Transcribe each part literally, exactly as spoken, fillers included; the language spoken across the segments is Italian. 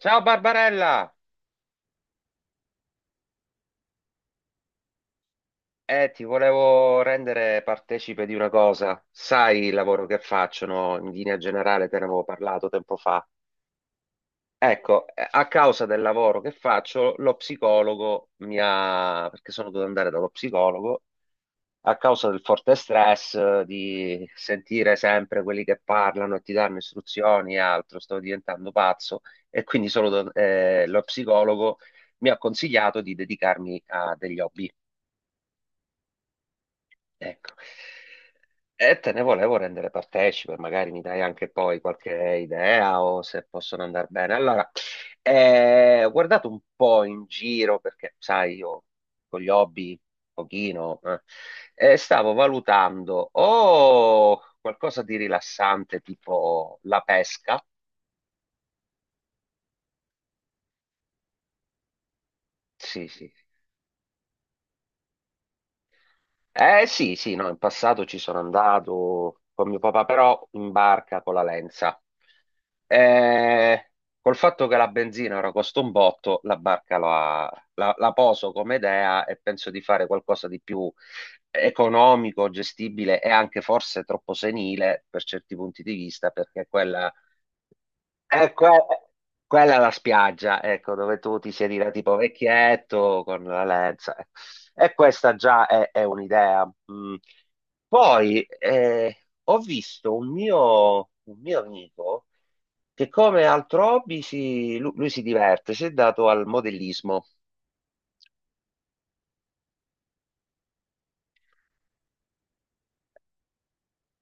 Ciao Barbarella! Eh, ti volevo rendere partecipe di una cosa. Sai il lavoro che faccio, no? In linea generale te ne avevo parlato tempo fa. Ecco, eh, a causa del lavoro che faccio, lo psicologo mi ha... Perché sono dovuto andare dallo psicologo, a causa del forte stress, eh, di sentire sempre quelli che parlano e ti danno istruzioni e altro, sto diventando pazzo e quindi solo, do- eh, lo psicologo mi ha consigliato di dedicarmi a degli hobby. Ecco. E te ne volevo rendere partecipe, magari mi dai anche poi qualche idea o se possono andare bene. Allora, eh, ho guardato un po' in giro perché, sai, io con gli hobby, un pochino, eh, e stavo valutando o qualcosa di rilassante tipo la pesca. Sì, sì. Eh sì, sì, no, in passato ci sono andato con mio papà, però in barca con la Lenza. Eh, col fatto che la benzina ora costa un botto, la barca la, la- la poso come idea e penso di fare qualcosa di più economico, gestibile e anche forse troppo senile per certi punti di vista, perché quella eh, que- quella è la spiaggia, ecco, dove tu ti siedi da tipo vecchietto con la lenza. E questa già è, è un'idea. Mm. Poi eh, ho visto un mio, un mio amico che come altro hobby si- lu- lui, si diverte, si è dato al modellismo.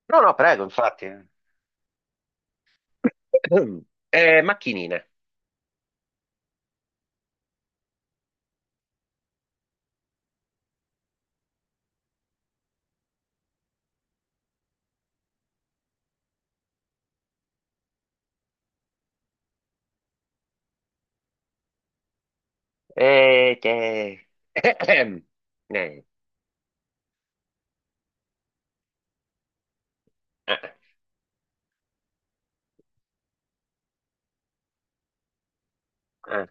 No, no, prego, infatti. Eh, macchinine. Eh, che... Eh, eh,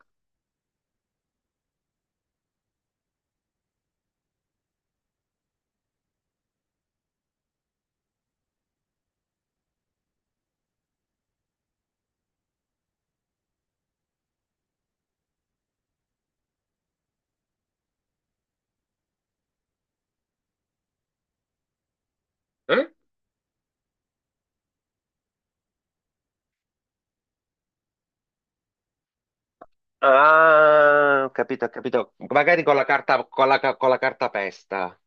eh. Ah, ho capito, ho capito. Magari con la carta, con la, ca- con la carta pesta.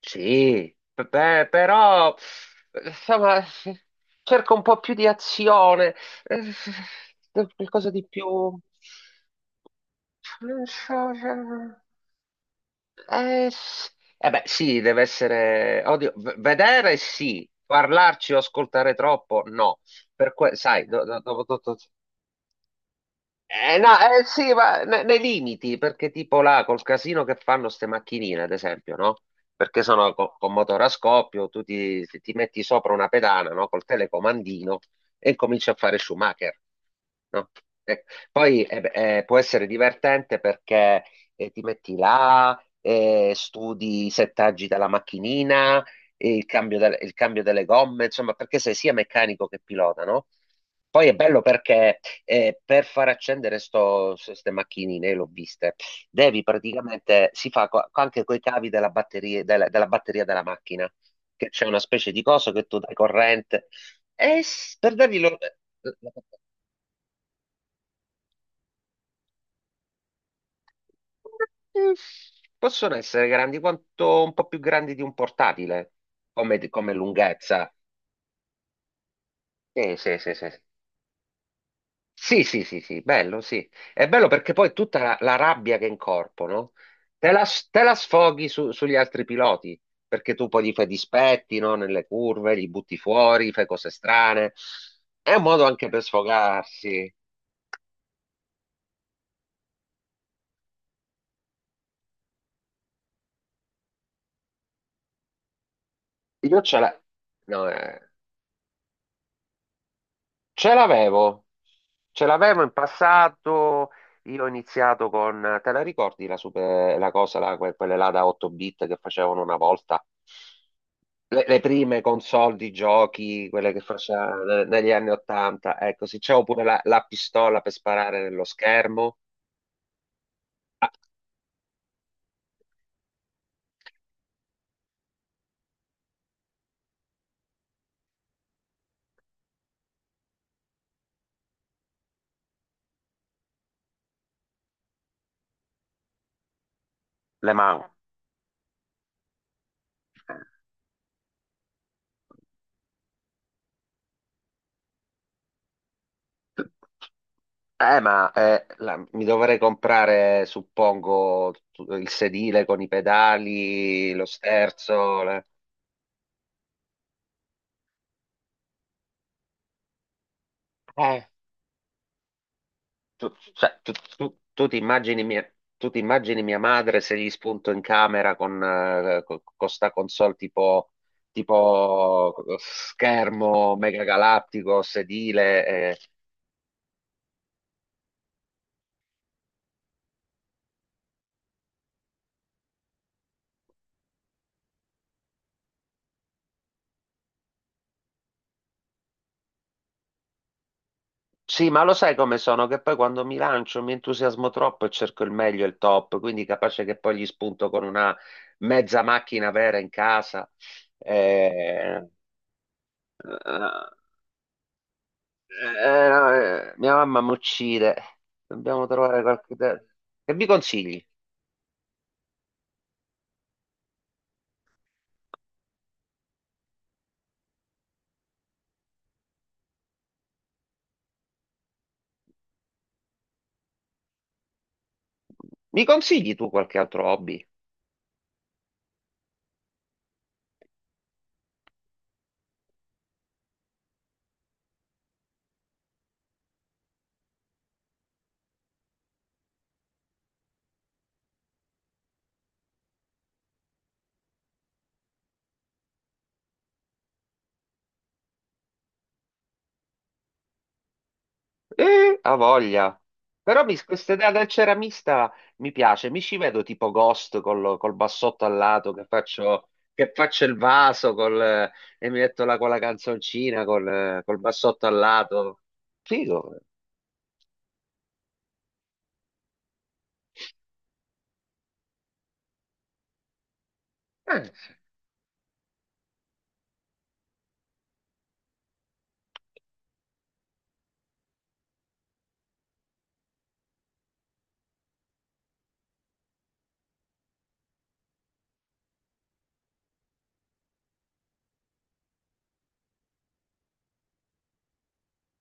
Sì, beh, però, insomma, cerco un po' più di azione, eh, qualcosa di più... Non so, se- eh, s- eh beh, sì, deve essere... Oddio, v- vedere sì, parlarci o ascoltare troppo, no. Per que- sai, do- do- do- do- do- eh, no, eh, sì, ma ne- nei limiti, perché tipo là col casino che fanno ste macchinine, ad esempio, no? Perché sono co- con motore a scoppio, tu ti, ti metti sopra una pedana, no? Col telecomandino e cominci a fare Schumacher, no? Eh, poi eh, beh, eh, può essere divertente perché eh, ti metti là, eh, studi i settaggi della macchinina, e il cambio, del- il cambio delle gomme, insomma, perché sei sia meccanico che pilota, no? Poi è bello perché e per far accendere queste macchinine, l'ho viste, devi praticamente, si fa co- anche con i cavi della batteria della, della batteria della macchina, che c'è una specie di coso che tu dai corrente, e s- per dargli lo- eh, possono essere grandi quanto un po' più grandi di un portatile, come, come lunghezza. Sì, sì, sì, sì, sì. Sì, sì, sì, sì, bello, sì. È bello perché poi tutta la, la rabbia che incorporano te la, te la sfoghi su- sugli altri piloti, perché tu poi gli fai dispetti, no? Nelle curve, li butti fuori, fai cose strane. È un modo anche per sfogarsi. Io ce l'ho. Ce l'avevo, ce l'avevo in passato. Io ho iniziato con, te la ricordi la, super- la cosa, la- que- quelle là da otto bit che facevano una volta? Le, le prime console di giochi, quelle che facevano negli anni ottanta. Ecco, sì, c'avevo pure la, la pistola per sparare nello schermo. Ah, le mani. Eh, ma eh, la- mi dovrei comprare, suppongo, tu- il sedile con i pedali, lo sterzo, le- Eh. Tu, cioè, tu, tu- tu ti immagini mia, tu ti immagini mia madre se gli spunto in camera con, eh, co- co- sta console tipo, tipo schermo mega galattico, sedile, eh, Sì, ma lo sai come sono? Che poi quando mi lancio mi entusiasmo troppo e cerco il meglio e il top, quindi capace che poi gli spunto con una mezza macchina vera in casa. Eh, eh, Eh, no, eh, mia mamma mi uccide. Dobbiamo trovare qualche... te- Che mi consigli? Mi consigli tu qualche altro hobby? Eh, ha voglia. Però mi- questa idea del ceramista mi piace. Mi ci vedo tipo Ghost col, col bassotto al lato che faccio, che faccio il vaso col, eh, e mi metto là con la canzoncina col, eh, col bassotto al lato. Figo. Eh, sì.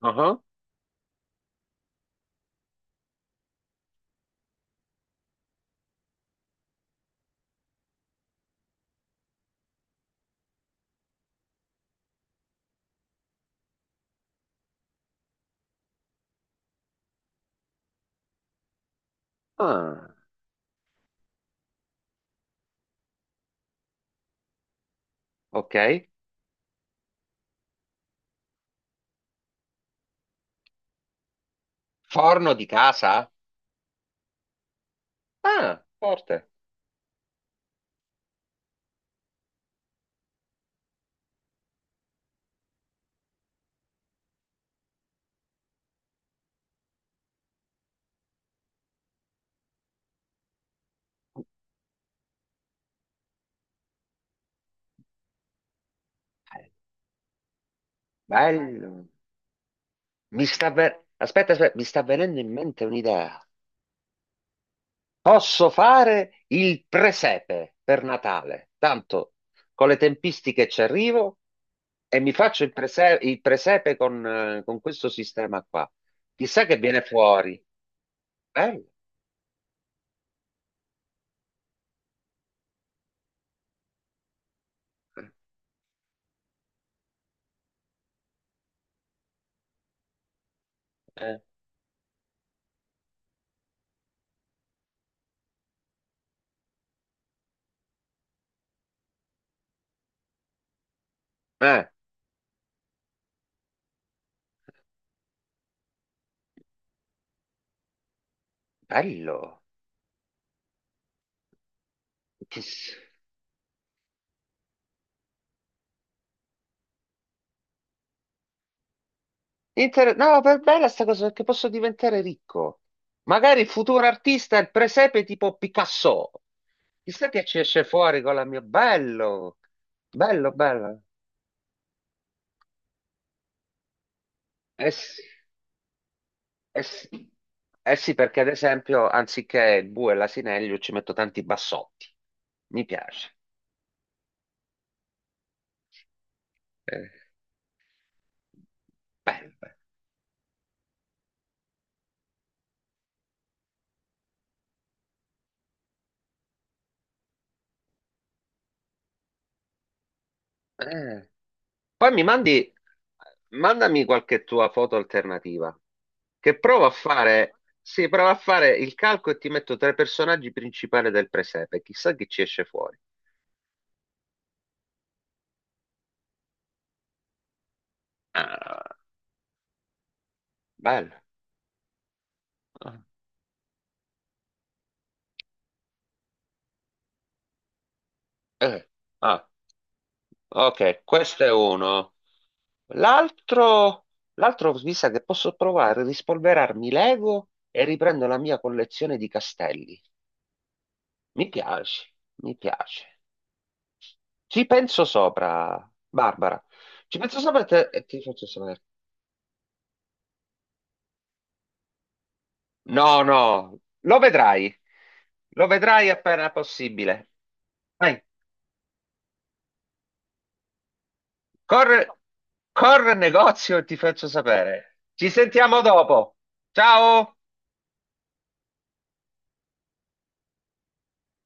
Uh-huh. Ah, ok. Forno di casa? Ah, forte. Eh, Bello. Mi sta ver- Aspetta, aspetta, mi sta venendo in mente un'idea. Posso fare il presepe per Natale. Tanto con le tempistiche ci arrivo e mi faccio il, prese- il presepe con, eh, con questo sistema qua. Chissà che viene fuori. Bello. Eh, eh, bello. Chiss- Inter- no, per bella sta cosa perché posso diventare ricco. Magari futuro artista è il presepe tipo Picasso. Chissà che ci esce fuori con la mia. Bello, bello, bello. Eh sì, eh sì. Eh sì, perché ad esempio, anziché il bue e l'asinello, ci metto tanti bassotti. Mi piace. Eh, bello, bello. Eh. Poi mi mandi, mandami qualche tua foto alternativa, che provo a fare, sì, provo a fare il calco e ti metto tra i personaggi principali del presepe. Chissà chi ci esce fuori. Ah, bello. Eh, ah. Ok, questo è uno. L'altro, l'altro mi sa che posso provare a rispolverarmi Lego e riprendo la mia collezione di castelli. Mi piace, mi piace. Ci penso sopra, Barbara. Ci penso sopra e te- e ti faccio sapere. No, no, lo vedrai. Lo vedrai appena possibile. Vai, corre, corre al negozio e ti faccio sapere. Ci sentiamo dopo. Ciao!